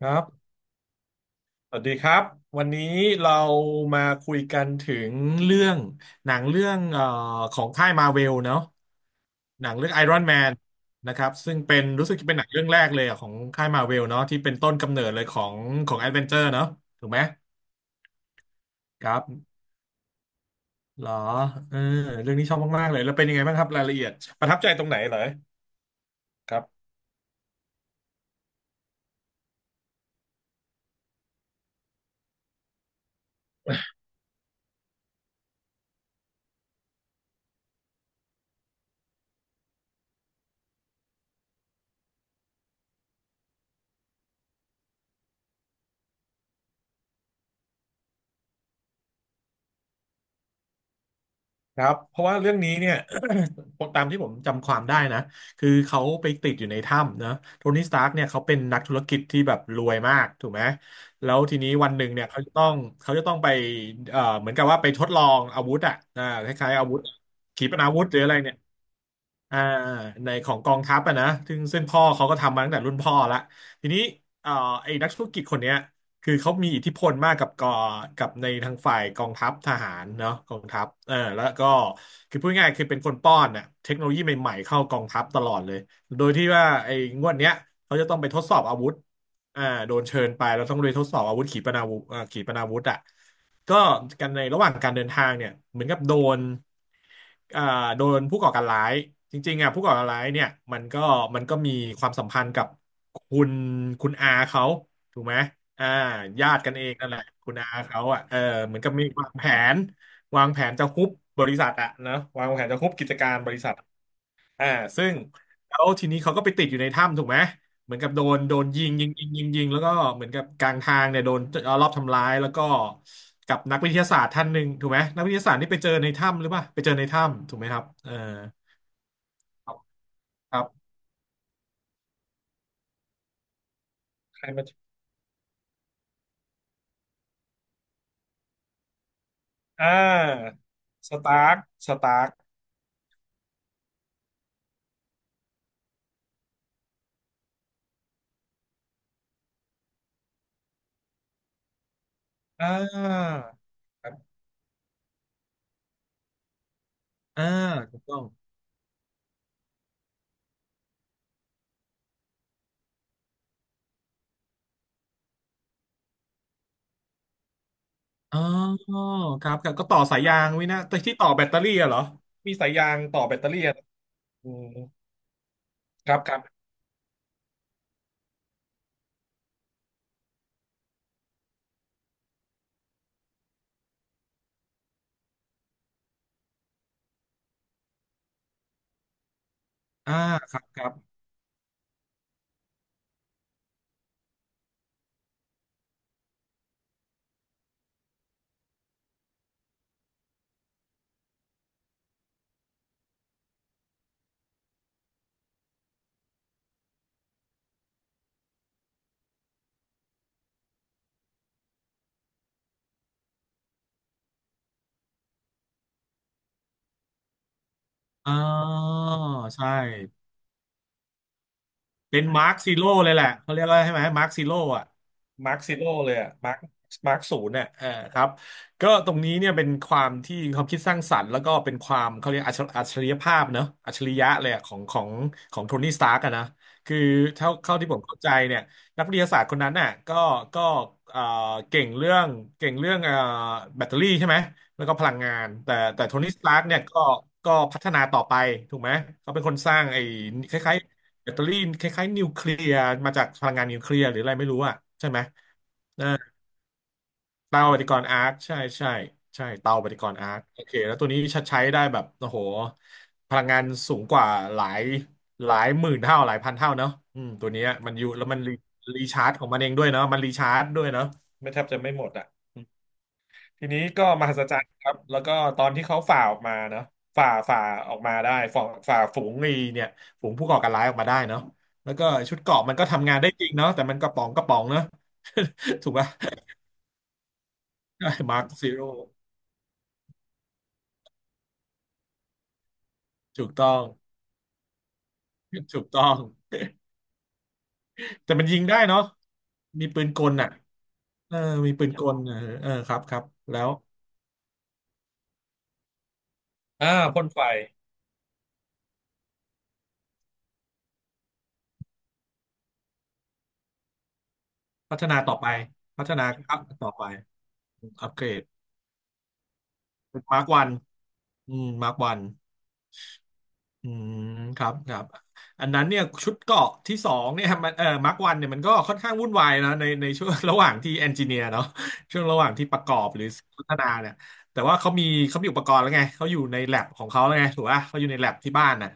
ครับสวัสดีครับ วันนี้เรามาคุยกันถึงเรื่องหนังเรื่องของค่ายมาเวลเนาะหนังเรื่องไอรอนแมนนะครับซึ่งเป็นรู้สึกจะเป็นหนังเรื่องแรกเลยอะของค่ายมาเวลเนาะที่เป็นต้นกำเนิดเลยของแอดเวนเจอร์เนาะถูกไหมครับเหรอเออเรื่องนี้ชอบมากๆเลยแล้วเป็นยังไงบ้างครับรายละเอียดประทับใจตรงไหนเหรอครับ ครับเพราะว่าเรื่องนี้เนี่ย ตามที่ผมจำความได้นะคือเขาไปติดอยู่ในถ้ำนะโทนี่สตาร์กเนี่ยเขาเป็นนักธุรกิจที่แบบรวยมากถูกไหมแล้วทีนี้วันหนึ่งเนี่ยเขาจะต้องเขาจะต้องไปเหมือนกับว่าไปทดลองอาวุธอ่ะคล้ายๆอาวุธขีปนาวุธหรืออะไรเนี่ย อ่าในของกองทัพอะนะซึ่งพ่อเขาก็ทำมาตั้งแต่รุ่นพ่อละทีนี้เอ่อไอ้นักธุรกิจคนเนี้ยคือเขามีอิทธิพลมากกับในทางฝ่ายกองทัพทหารเนาะกองทัพเออแล้วก็คือพูดง่ายๆคือเป็นคนป้อนน่ะเทคโนโลยีใหม่ๆเข้ากองทัพตลอดเลยโดยที่ว่าไอ้งวดเนี้ยเขาจะต้องไปทดสอบอาวุธ อ่าโดนเชิญไปแล้วต้องเรียทดสอบอาวุธขีปนาวุธขีปนาวุธอ่ะก็กันในระหว่างการเดินทางเนี่ยเหมือนกับโดนอ่าโดนผู้ก่อการร้ายจริงๆอ่ะผู้ก่อการร้ายเนี่ยมันก็มันก็มีความสัมพันธ์กับคุณคุณอาเขาถูกไหมอ่าญาติกันเองนั่นแหละคุณอาเขาอ่ะเออเหมือนกับมีนวางแผนจะฮุบบริษัทอ่ะนะวางแผนจะฮุบกิจการบริษัท อ่าซึ่งแล้วทีนี้เขาก็ไปติดอยู่ในถ้ำถูกไหมเหมือนกับโดนยิงยิงยิงยิงยิงแล้วก็เหมือนกับกลางทางเนี่ยโดนเอารอบทำร้ายแล้วก็กับนักวิทยาศาสตร์ท่านหนึ่งถูกไหมนักวิทยาศาสตร์นี่ไปเจอในถ้ำหรือเปล่าไปเจอในถ้ำถูกไหมครับเออครับครับใครมาอ่าสตาร์คสตาร์คอ่าครับอ่าถูกต้องอ๋อครับครับก็ต่อสายยางไวินะแต่ที่ต่อแบตเตอรี่อะเหรอมีสายยางต่อแบตเตอรี่อะอืมครับครับอ่าครับครับ อ๋อใช่ เป็นมาร์คซีโร่เลยแหละเขาเรียกว่าใช่ไหมมาร์คซีโร่อะมาร์คซีโร่เลยอะมาร์คมาร์คศูนย์เนี่ยเออครับก็ตรงนี้เนี่ยเป็นความที่ความคิดสร้างสรรค์แล้วก็เป็นความเขาเรียกอัจฉริยภาพเนอะอัจฉริยะเลยอะของโทนี่สตาร์กอะนะคือเท่าเข้าที่ผมเข้าใจเนี่ยนักวิทยาศาสตร์คนนั้นน่ะก็เอ่อเก่งเรื่องเก่งเรื่องแบตเตอรี่ใช่ไหมแล้วก็พลังงานแต่โทนี่สตาร์กเนี่ยก็พัฒนาต่อไปถูกไหมเขาเป็นคนสร้างไอ้คล้ายๆ แบตเตอรี่คล้ายๆนิวเคลียร์มาจากพลังงานนิวเคลียร์หรืออะไรไม่รู้อะใช่ไหมเออเตาปฏิกรณ์อาร์คใช่ใช่ใช่เตาปฏิกรณ์อาร์คโอเคแล้วตัวนี้ใช้ได้แบบโอ้โหพลังงานสูงกว่าหลายหลายหมื่นเท่าหลายพันเท่าเนาะอืมตัวเนี้ยมันอยู่แล้วมันรีชาร์จของมันเองด้วยเนาะมันรีชาร์จด้วยเนาะไม่แทบจะไม่หมดอะ ทีนี้ก็มหัศจรรย์ครับแล้วก็ตอนที่เขาฝ่าออกมาเนาะฝ่าออกมาได้ฝ่าฝูงไอ้เนี่ยฝูงผู้ก่อการร้ายออกมาได้เนาะแล้วก็ชุดเกราะมันก็ทำงานได้จริงเนาะแต่มันกระป๋องกระป๋องเนาะ ถูกป่ะ มาร์คซีโร่ถูกต้อง ถูกต้องแต่มันยิงได้เนาะมีปืนกลอ่ะเออมีปืนกลเออเออครับครับแล้วอ่าพ่นไฟพัฒนาต่อไปพัฒนาอัพต่อไปอัปเกรดมาร์กวันอืมมาร์กวัน อืมครับครับอันนั้นเนี่ยชุดเกาะที่สองเนี่ยมันเออมาร์ควันเนี่ยมันก็ค่อนข้างวุ่นวายนะในช่วงระหว่างที่เอนจิเนียร์เนาะช่วงระหว่างที่ประกอบหรือพัฒนาเนี่ยแต่ว่าเขามีเขามีอุปกรณ์แล้วไงเขาอยู่ในแลบของเขาแล้วไงถูกป่ะเขาอยู่ในแลบที่บ้านน่ะ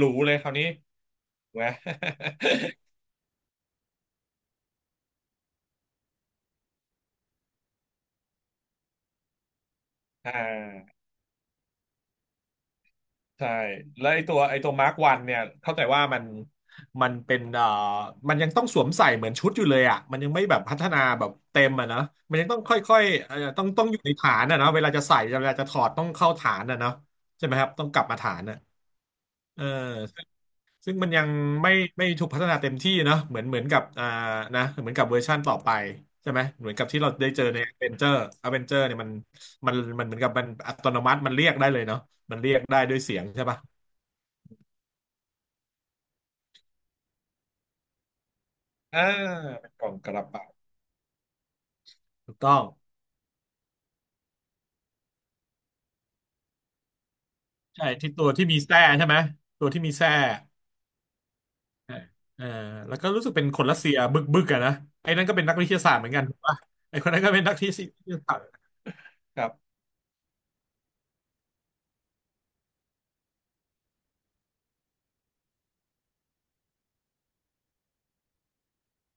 รู้เลยคราวนี้ถูกไหม อ่า ใช่แล้วไอตัวมาร์กวันเนี่ยเข้าใจว่ามันมันเป็นมันยังต้องสวมใส่เหมือนชุดอยู่เลยอ่ะมันยังไม่แบบพัฒนาแบบเต็มอ่ะนะมันยังต้องค่อยๆต้องอยู่ในฐานอ่ะเนาะเวลาจะใส่เวลาจะถอดต้องเข้าฐานอ่ะเนาะใช่ไหมครับต้องกลับมาฐานอ่ะเออซึ่งซึ่งมันยังไม่ไม่ถูกพัฒนาเต็มที่เนาะเหมือนกับนะเหมือนกับเวอร์ชั่นต่อไปใช่ไหมเหมือนกับที่เราได้เจอในอเวนเจอร์อเวนเจอร์เนี่ยมันเหมือนกับมันอัตโนมัติมันเรียกได้เลยเนาะมันเรียกได้ด้วยเสียงใช่ปะ อ่าเป็นกล่องกระเป๋าถูกต้องใช่ที่ตัวที่มีแส้ใช่ไหมตัวที่มีแส้เออเออแล้วก็รู้สึกเป็นคนรัสเซียบึกบึกอะนะไอ้นั่นก็เป็นนักวิทยาศาสตร์เหมือนกัน ถูกปะไอ้คนนั้นก็เป็นนักที่วิทยาศาสตร์ครับ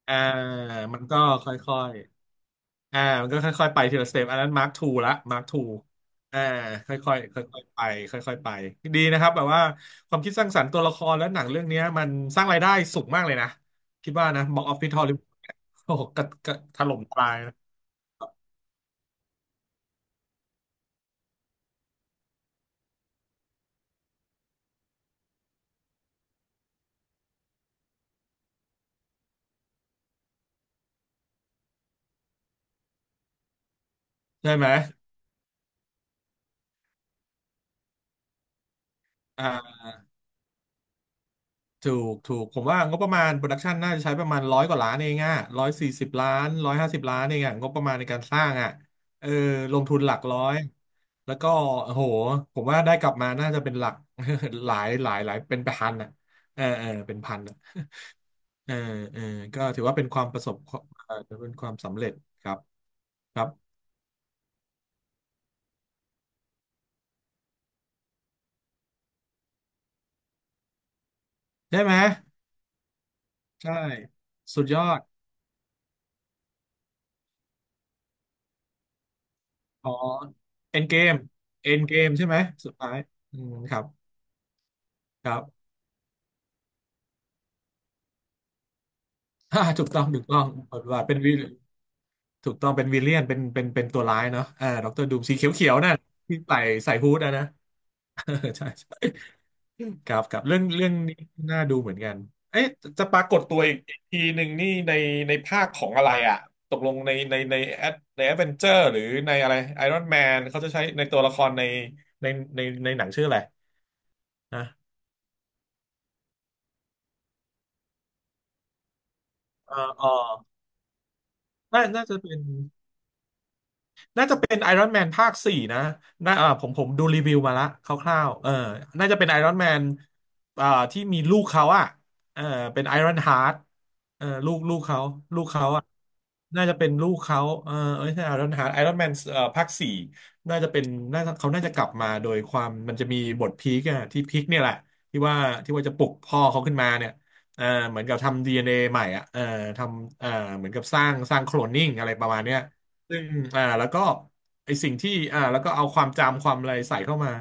อ่ามันก็ค่อยๆอ่ามันก็ค่อยๆไปทีละสเต็ปอันนั้นมาร์คทูละมาร์คทูอ่าค่อยๆค่อยๆไปค่อยๆไปดีนะครับแบบว่าความคิดสร้างสรรค์ตัวละครและหนังเรื่องเนี้ยมันสร้างรายได้สูงมากเลยนะคิดว่านะบ็อกออฟฟิศฮอลลีวูดโอ้โหกระถล่มตาย ใช่ไหมอ่าถูก ผมว่างบประมาณโปรดักชันน่าจะใช้ประมาณร้อยกว่าล้านเองอ่ะร้อยสี่สิบล้านร้อยห้าสิบล้านเองอ่ะงบประมาณในการสร้างอ่ะเออลงทุนหลักร้อยแล้วก็โอ้โหผมว่าได้กลับมาน่าจะเป็นหลัก หลายเป็นพันอ่ะเออเออเป็นพันอ่ะ เออเออก็ถือว่าเป็นความประสบเออเป็นความสำเร็จครับครับใช่ไหม ใช่ สุดยอดอ๋อเอ็นเกมเอ็นเกมใช่ไหมสุดท้ายอืมครับครับ อ่าถูกต้องบทบาทเป็นวิลถูกต้องเป็นวิลเลียนเป็นตัวร้ายเนาะอ่าด็อกเตอร์ดูมสีเขียวๆนั่นที่ใส่ใส่ฮูดอะนะ เออใช่ครับครับเรื่องนี้น่าดูเหมือนกันเอ๊ะจะปรากฏตัวอีกทีหนึ่งนี่ในในภาคของอะไรอ่ะตกลงในในแอดเวนเจอร์หรือในอะไรไอรอนแมนเขาจะใช้ในตัวละครในในหนังชื่ออะไรนะเออน่าน่าจะเป็น น่าจะเป็นไอรอนแมนภาคสี่นะน่าเออผมดูรีวิวมาละคร่าวๆเออน่าจะเป็นไอรอนแมนอ่าที่มีลูกเขาอ่ะเออเป็นไอรอนฮาร์เออลูกเขาลูกเขาอ่ะน่าจะเป็นลูกเขาเออเอ้ยใช่ไอรอนฮาร์ดไอรอนแมนภาคสี่น่าจะเป็นน่าจะเขาน่าจะกลับมาโดยความมันจะมีบทพีคอะที่พีคเนี่ยแหละ ที่ว่าที่ว่าจะปลุกพ่อเขาขึ้นมาเนี่ยเออเหมือนกับทำ DNA ใหม่อะเออทำเออเหมือนกับสร้างโคลนนิ่งอะไรประมาณเนี้ย ซึ่งอ่าแล้วก็ไอสิ่งที่อ่าแล้วก็เอาความจำความอะไรใส่เข้ามา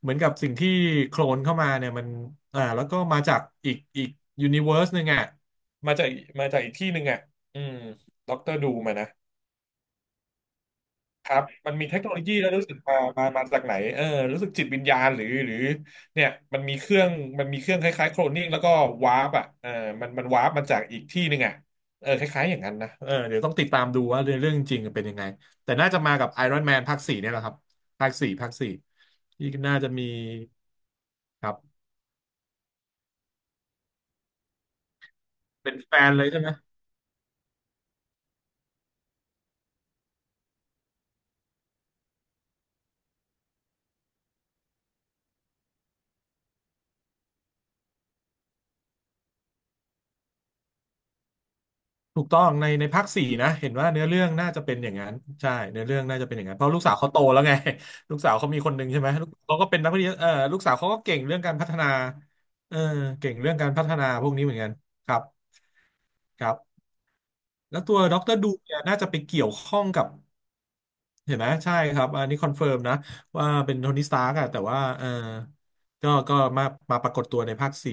เหมือนกับสิ่งที่โคลนเข้ามาเนี่ยมันอ่าแล้วก็มาจากอีกยูนิเวอร์สหนึ่งอ่ะมาจากมาจากอีกที่หนึ่งอ่ะอืมด็อกเตอร์ดูมานะ ครับมันมีเทคโนโลยีแล้วรู้สึกมาจากไหนเออรู้สึกจิตวิญญาณหรือหรือเนี่ยมันมีเครื่องมันมีเครื่องคล้ายๆโคลนนิ่งแล้วก็วาร์ปอ่ะเออมันวาร์ปมาจากอีกที่หนึ่งอ่ะเออคล้ายๆ อย่างนั้นนะเออเดี๋ยวต้องติดตามดูว่าเรื่องจริงเป็นยังไง แต่น่าจะมากับไอรอนแมนภาคสี่เนี่ยแหละครับภาคสี่ที่น่าจะมีครับเป็นแฟนเลยใช่ไหม ถูกต้องในในภาคสี่นะเห็นว่าเนื้อเรื่องน่าจะเป็นอย่างนั้นใช่เนื้อเรื่องน่าจะเป็นอย่างนั้นเพราะลูกสาวเขาโตแล้วไง ลูกสาวเขามีคนหนึ่งใช่ไหมลูกเขาก็เป็นนักวิทยาเออลูกสาวเขาก็เก่งเรื่องการพัฒนาเออเก่งเรื่องการพัฒนาพวกนี้เหมือนกันครับครับแล้วตัวดรดูเนี่ยน่าจะไปเกี่ยวข้องกับ เห็นไหมใช่ครับอันนี้คอนเฟิร์มนะว่าเป็นโทนี่สตาร์กอะแต่ว่าเออก็มาปรากฏตัวในภาคสี่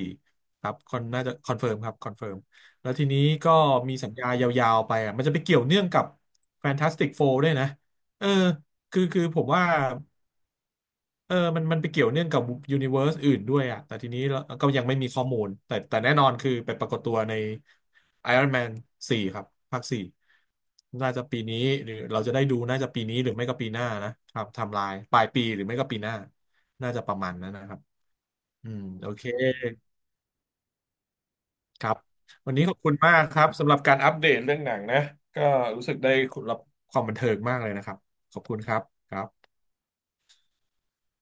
ครับคอนน่าจะคอนเฟิร์มครับคอนเฟิร์มแล้วทีนี้ก็มีสัญญายาวๆไปอ่ะมันจะไปเกี่ยวเนื่องกับแฟนตาสติกโฟร์ด้วยนะเออคือผมว่า เออมันมันไปเกี่ยวเนื่องกับยูนิเวอร์สอื่นด้วยอ่ะแต่ทีนี้เราก็ยังไม่มีข้อมูลแต่แน่นอนคือไปปรากฏตัวใน Iron Man 4ครับภาคสี่น่าจะปีนี้หรือเราจะได้ดูน่าจะปีนี้หรือไม่ก็ปีหน้านะครับไทำลายปลายปีหรือไม่ก็ปีหน้า น่าจะประมาณนั้นนะครับอืมโอเคครับ วันนี้ขอบคุณมากครับสำหรับการอัปเดตเรื่องหนังนะก็รู้สึกได้รับความบันเทิงมากเลยนะครับขอบคุณครับครับ